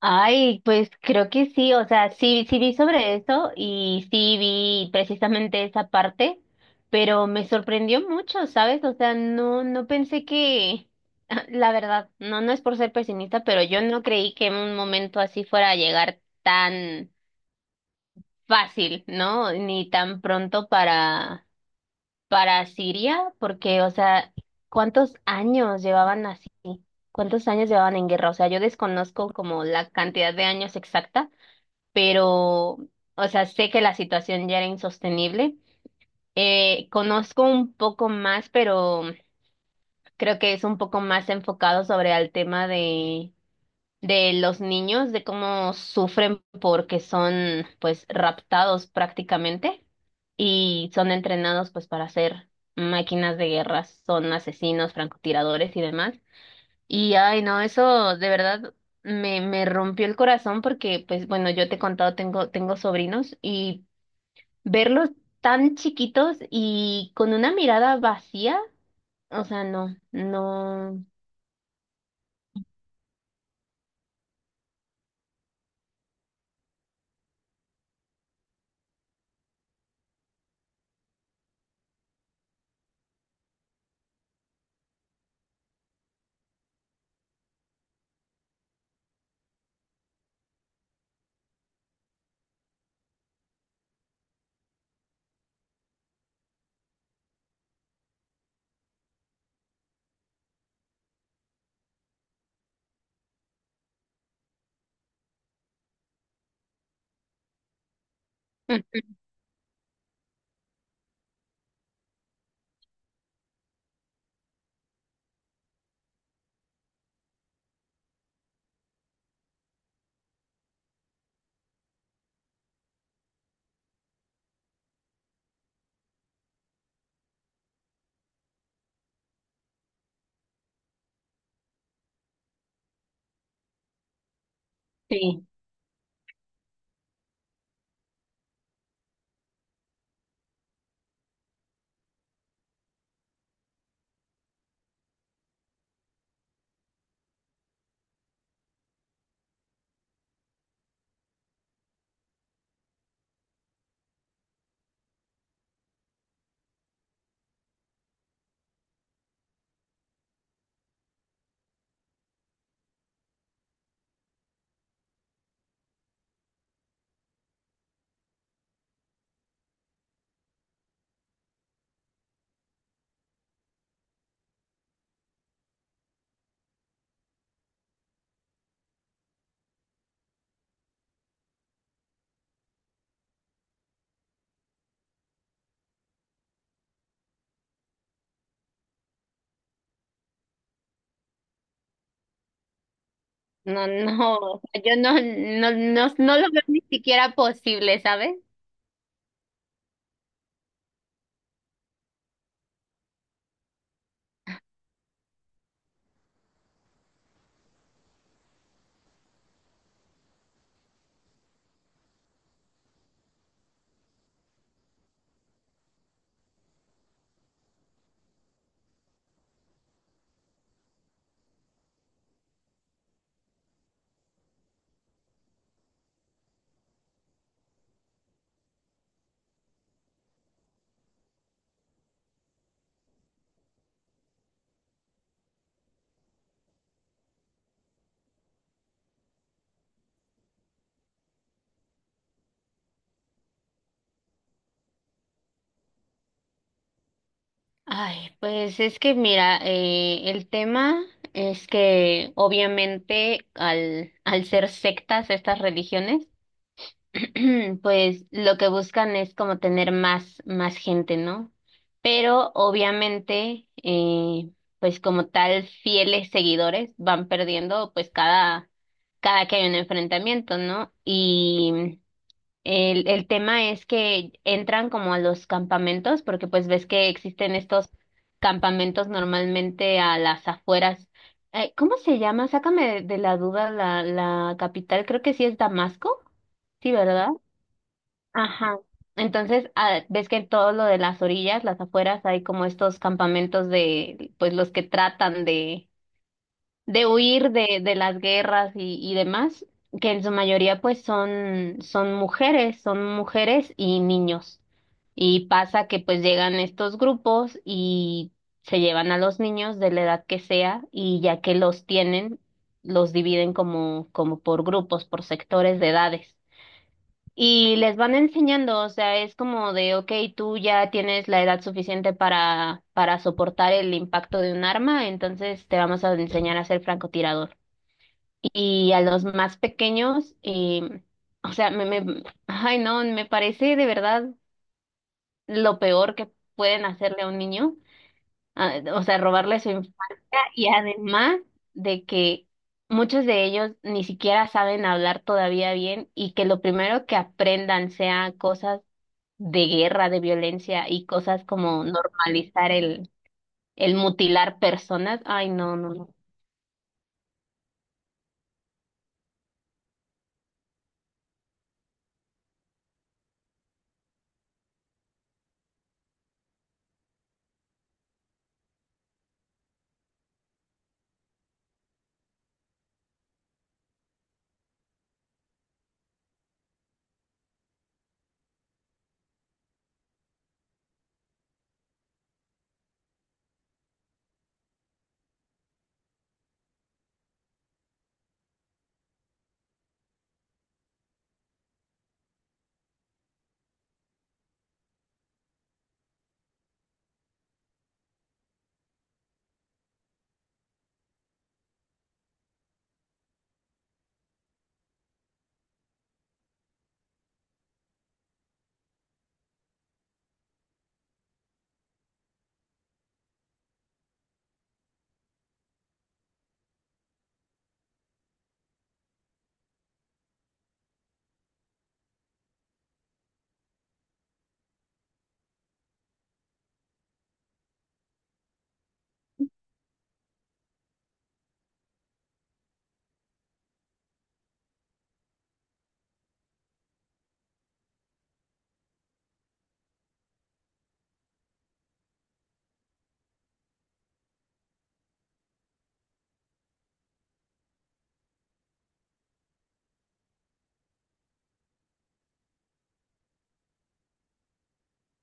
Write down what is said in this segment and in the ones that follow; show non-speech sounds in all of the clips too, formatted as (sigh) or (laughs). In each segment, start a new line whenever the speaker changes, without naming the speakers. Ay, pues creo que sí, o sea, sí, sí vi sobre eso y sí vi precisamente esa parte, pero me sorprendió mucho, ¿sabes? O sea, no pensé que, (laughs) la verdad, no es por ser pesimista, pero yo no creí que en un momento así fuera a llegar tan fácil, ¿no? Ni tan pronto para Siria, porque, o sea, ¿cuántos años llevaban así? ¿Cuántos años llevaban en guerra? O sea, yo desconozco como la cantidad de años exacta pero, o sea, sé que la situación ya era insostenible. Conozco un poco más, pero creo que es un poco más enfocado sobre el tema de los niños, de cómo sufren porque son, pues, raptados prácticamente y son entrenados, pues, para ser máquinas de guerra, son asesinos, francotiradores y demás. Y, ay, no, eso de verdad me rompió el corazón porque, pues, bueno, yo te he contado, tengo, tengo sobrinos y verlos tan chiquitos y con una mirada vacía, o sea, no, no. Ujú. Sí, no, no, o sea, yo no lo veo ni siquiera posible, ¿sabes? Ay, pues es que mira, el tema es que obviamente al ser sectas estas religiones, (clears throat) pues lo que buscan es como tener más, más gente, ¿no? Pero obviamente, pues como tal, fieles seguidores van perdiendo pues cada, cada que hay un enfrentamiento, ¿no? Y el tema es que entran como a los campamentos, porque pues ves que existen estos campamentos normalmente a las afueras. ¿Cómo se llama? Sácame de la duda la, la capital, creo que sí es Damasco, sí, ¿verdad? Ajá. Entonces, ah, ves que en todo lo de las orillas, las afueras, hay como estos campamentos de, pues los que tratan de huir de las guerras y demás, que en su mayoría pues son, son mujeres y niños. Y pasa que pues llegan estos grupos y se llevan a los niños de la edad que sea y ya que los tienen, los dividen como, como por grupos, por sectores de edades. Y les van enseñando, o sea, es como de, ok, tú ya tienes la edad suficiente para soportar el impacto de un arma, entonces te vamos a enseñar a ser francotirador. Y a los más pequeños, o sea, ay no, me parece de verdad lo peor que pueden hacerle a un niño, ah, o sea, robarle su infancia y además de que muchos de ellos ni siquiera saben hablar todavía bien y que lo primero que aprendan sea cosas de guerra, de violencia y cosas como normalizar el mutilar personas. Ay, no, no, no.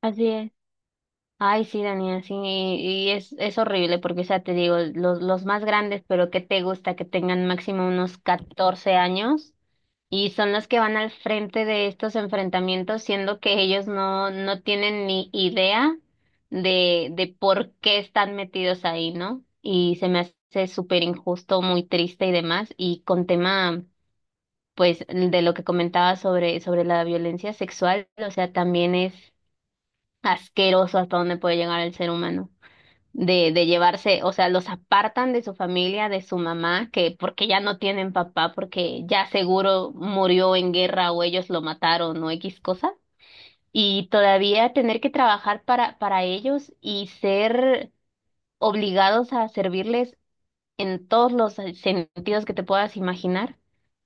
Así es. Ay, sí, Daniel, sí, y es horrible porque, o sea, te digo, los más grandes, pero que te gusta que tengan máximo unos 14 años y son los que van al frente de estos enfrentamientos, siendo que ellos no, no tienen ni idea de por qué están metidos ahí, ¿no? Y se me hace súper injusto, muy triste y demás, y con tema pues de lo que comentaba sobre, sobre la violencia sexual, o sea, también es asqueroso hasta dónde puede llegar el ser humano. De llevarse, o sea, los apartan de su familia, de su mamá, que porque ya no tienen papá, porque ya seguro murió en guerra o ellos lo mataron o X cosa, y todavía tener que trabajar para ellos y ser obligados a servirles en todos los sentidos que te puedas imaginar.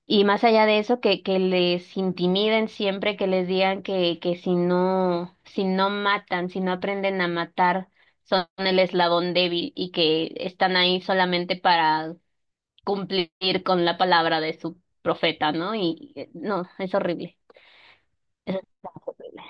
Y más allá de eso, que les intimiden siempre, que les digan que si no, si no matan, si no aprenden a matar, son el eslabón débil y que están ahí solamente para cumplir con la palabra de su profeta, ¿no? Y no, es horrible. Es horrible.